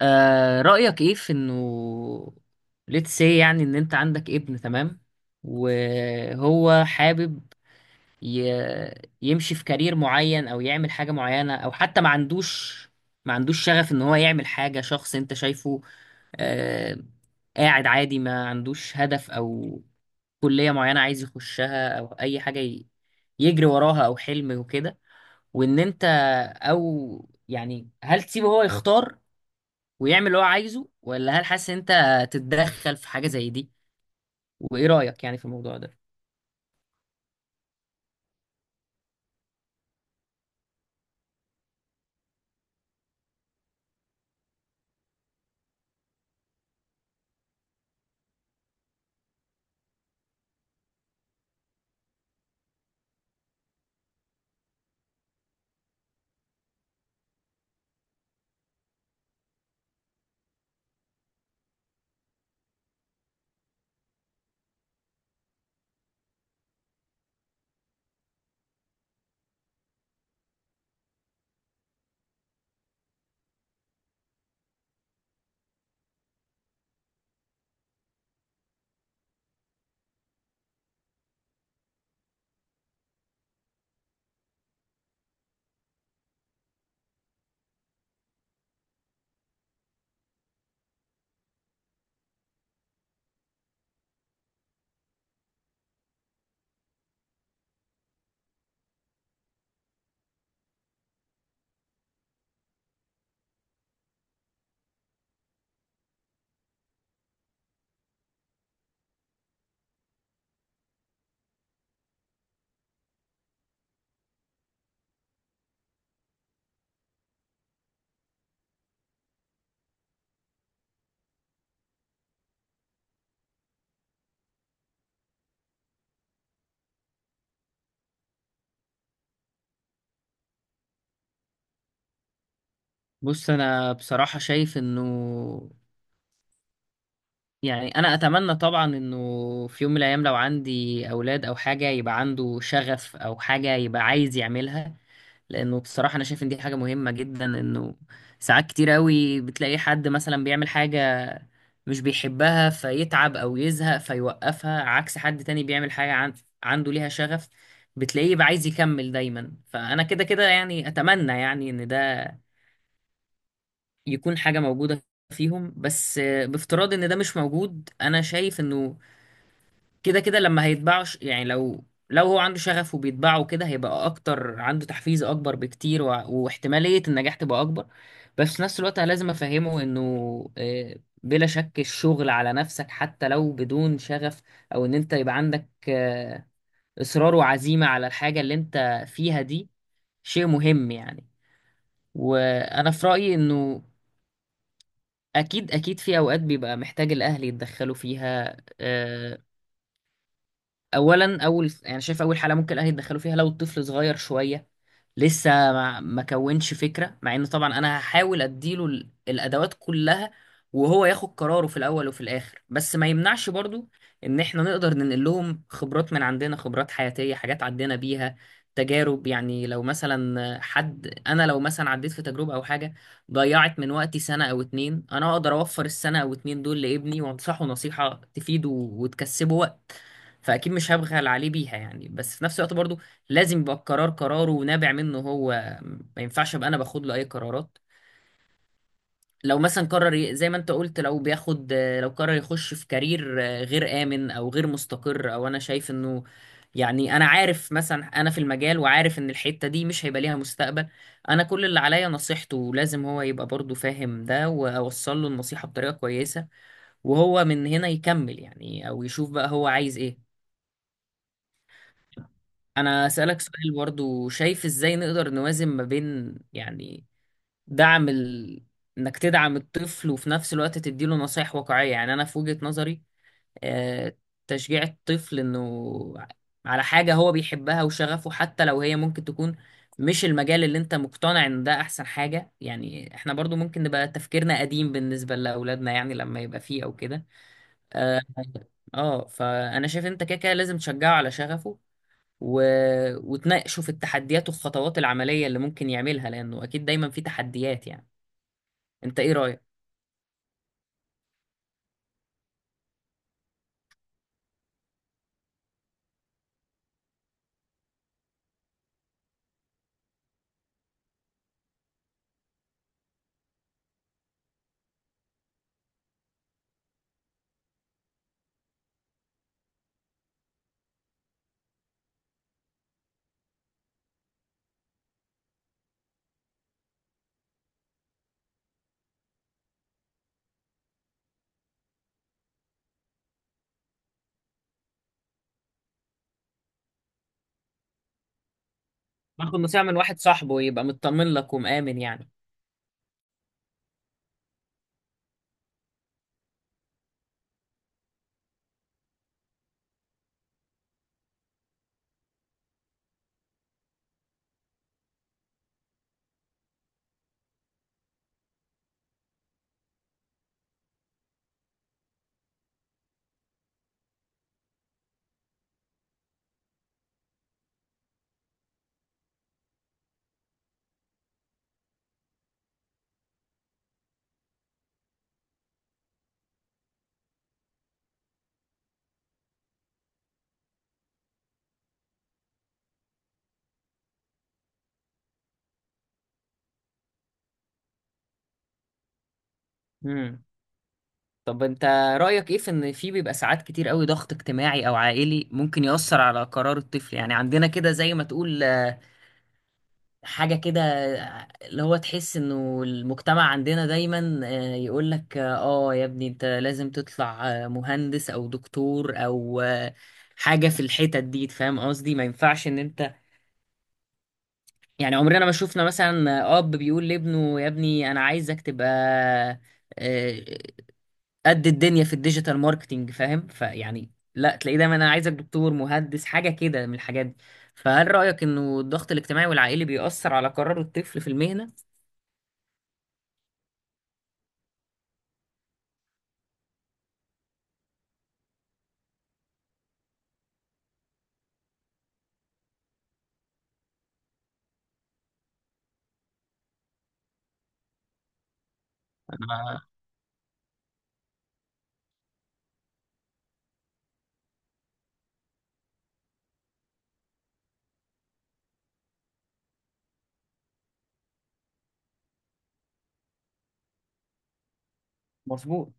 آه، رأيك ايه في انه let's say يعني ان انت عندك ابن؟ تمام. وهو حابب ي... يمشي في كارير معين او يعمل حاجة معينة، او حتى ما عندوش شغف ان هو يعمل حاجة شخص انت شايفه آه قاعد عادي، ما عندوش هدف او كلية معينة عايز يخشها، أو أي حاجة يجري وراها أو حلم وكده. وإن أنت، أو يعني هل تسيبه هو يختار ويعمل اللي هو عايزه، ولا هل حاسس إن انت تتدخل في حاجة زي دي؟ وايه رأيك يعني في الموضوع ده؟ بص انا بصراحة شايف انه يعني انا اتمنى طبعا انه في يوم من الايام لو عندي اولاد او حاجة يبقى عنده شغف، او حاجة يبقى عايز يعملها. لانه بصراحة انا شايف ان دي حاجة مهمة جدا، انه ساعات كتير قوي بتلاقي حد مثلا بيعمل حاجة مش بيحبها فيتعب او يزهق فيوقفها، عكس حد تاني بيعمل حاجة عنده ليها شغف، بتلاقيه بقى عايز يكمل دايما. فانا كده كده يعني اتمنى يعني ان ده يكون حاجة موجودة فيهم. بس بافتراض ان ده مش موجود، انا شايف انه كده كده لما هيتباعوا يعني لو هو عنده شغف وبيتباعه كده هيبقى اكتر، عنده تحفيز اكبر بكتير، واحتمالية النجاح تبقى اكبر. بس في نفس الوقت انا لازم افهمه انه آه، بلا شك الشغل على نفسك حتى لو بدون شغف، او ان انت يبقى عندك اصرار وعزيمة على الحاجة اللي انت فيها دي شيء مهم يعني. وانا في رأيي انه اكيد اكيد في اوقات بيبقى محتاج الاهل يتدخلوا فيها. اولا، اول يعني شايف اول حاله ممكن الاهل يدخلوا فيها لو الطفل صغير شويه لسه ما كونش فكره، مع ان طبعا انا هحاول اديله الادوات كلها، وهو ياخد قراره في الاول وفي الاخر. بس ما يمنعش برضو ان احنا نقدر ننقل لهم خبرات من عندنا، خبرات حياتيه، حاجات عدينا بيها، تجارب. يعني لو مثلا حد، انا لو مثلا عديت في تجربه او حاجه ضيعت من وقتي سنه او اتنين، انا اقدر اوفر السنه او اتنين دول لابني وانصحه نصيحه تفيده وتكسبه وقت. فاكيد مش هبخل عليه بيها يعني. بس في نفس الوقت برضو لازم يبقى القرار قراره ونابع منه هو، ما ينفعش ابقى انا باخد له اي قرارات. لو مثلا قرر زي ما انت قلت، لو بياخد، لو قرر يخش في كارير غير امن او غير مستقر، او انا شايف انه يعني انا عارف مثلا، انا في المجال وعارف ان الحتة دي مش هيبقى ليها مستقبل، انا كل اللي عليا نصيحته. لازم هو يبقى برضو فاهم ده، واوصل له النصيحة بطريقة كويسة، وهو من هنا يكمل يعني، او يشوف بقى هو عايز ايه. انا اسالك سؤال برضو، شايف ازاي نقدر نوازن ما بين يعني دعم انك تدعم الطفل وفي نفس الوقت تديله نصايح واقعية؟ يعني انا في وجهة نظري آه، تشجيع الطفل انه على حاجة هو بيحبها وشغفه، حتى لو هي ممكن تكون مش المجال اللي انت مقتنع ان ده احسن حاجة، يعني احنا برضو ممكن نبقى تفكيرنا قديم بالنسبة لاولادنا، يعني لما يبقى فيه او كده. اه، فانا شايف انت كده كده لازم تشجعه على شغفه و... وتناقشوا في التحديات والخطوات العملية اللي ممكن يعملها، لأنه أكيد دايما في تحديات يعني. أنت إيه رأيك؟ باخد نصيحة من واحد صاحبه، يبقى مطمن لك ومآمن يعني. امم طب أنت رأيك إيه في إن في بيبقى ساعات كتير قوي ضغط اجتماعي أو عائلي ممكن يأثر على قرار الطفل؟ يعني عندنا كده، زي ما تقول حاجة كده، اللي هو تحس انه المجتمع عندنا دايما يقول لك اه، يا ابني انت لازم تطلع مهندس او دكتور او حاجة في الحتت دي، فاهم قصدي؟ ما ينفعش ان انت يعني عمرنا ما شفنا مثلا اب بيقول لابنه يا ابني انا عايزك تبقى آه، آه، قد الدنيا في الديجيتال ماركتينج، فاهم؟ فيعني لا، تلاقيه دايما انا عايزك دكتور مهندس حاجة كده من الحاجات دي. فهل رأيك انه الضغط الاجتماعي والعائلي بيأثر على قرار الطفل في المهنة؟ انا مظبوط.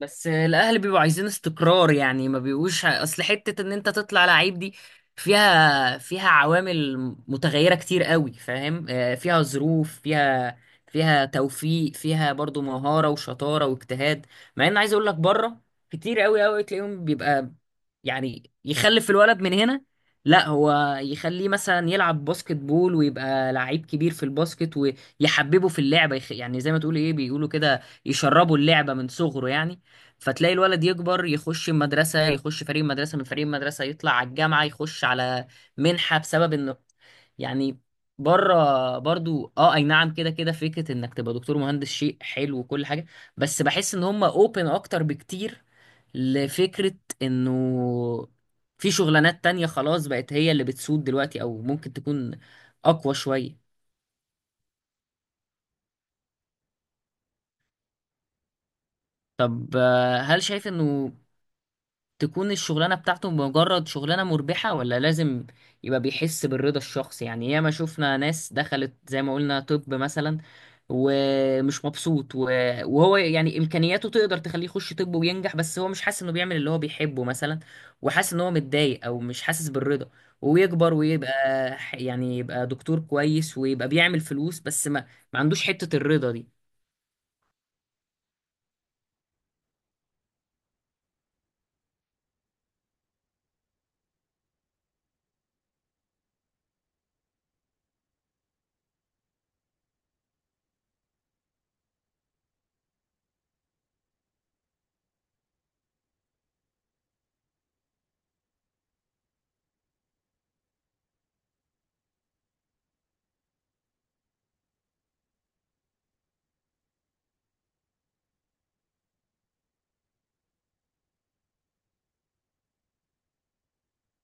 بس الاهل بيبقوا عايزين استقرار يعني، ما بيبقوش اصل حتة ان انت تطلع لعيب دي فيها، فيها عوامل متغيرة كتير قوي، فاهم؟ فيها ظروف، فيها، فيها توفيق، فيها برضو مهارة وشطارة واجتهاد. مع ان عايز اقول لك بره كتير قوي قوي تلاقيهم بيبقى يعني يخلف الولد من هنا لا هو يخليه مثلا يلعب باسكت بول ويبقى لعيب كبير في الباسكت، ويحببه في اللعبة، يعني زي ما تقول ايه، بيقولوا كده يشربوا اللعبة من صغره يعني. فتلاقي الولد يكبر يخش المدرسة، يخش فريق مدرسة من فريق مدرسة، يطلع على الجامعة يخش على منحة بسبب انه يعني بره. برضو اه اي نعم، كده كده فكرة انك تبقى دكتور مهندس شيء حلو وكل حاجة، بس بحس ان هم اوبن اكتر بكتير لفكرة انه في شغلانات تانية خلاص بقت هي اللي بتسود دلوقتي، او ممكن تكون اقوى شوية. طب هل شايف انه تكون الشغلانة بتاعته مجرد شغلانة مربحة، ولا لازم يبقى بيحس بالرضا الشخصي؟ يعني ياما شفنا ناس دخلت زي ما قلنا، طب مثلا ومش مبسوط وهو يعني إمكانياته تقدر تخليه يخش طب وينجح، بس هو مش حاسس إنه بيعمل اللي هو بيحبه مثلا، وحاسس إن هو متضايق أو مش حاسس بالرضا، ويكبر ويبقى يعني يبقى دكتور كويس ويبقى بيعمل فلوس، بس ما، ما عندوش حتة الرضا دي.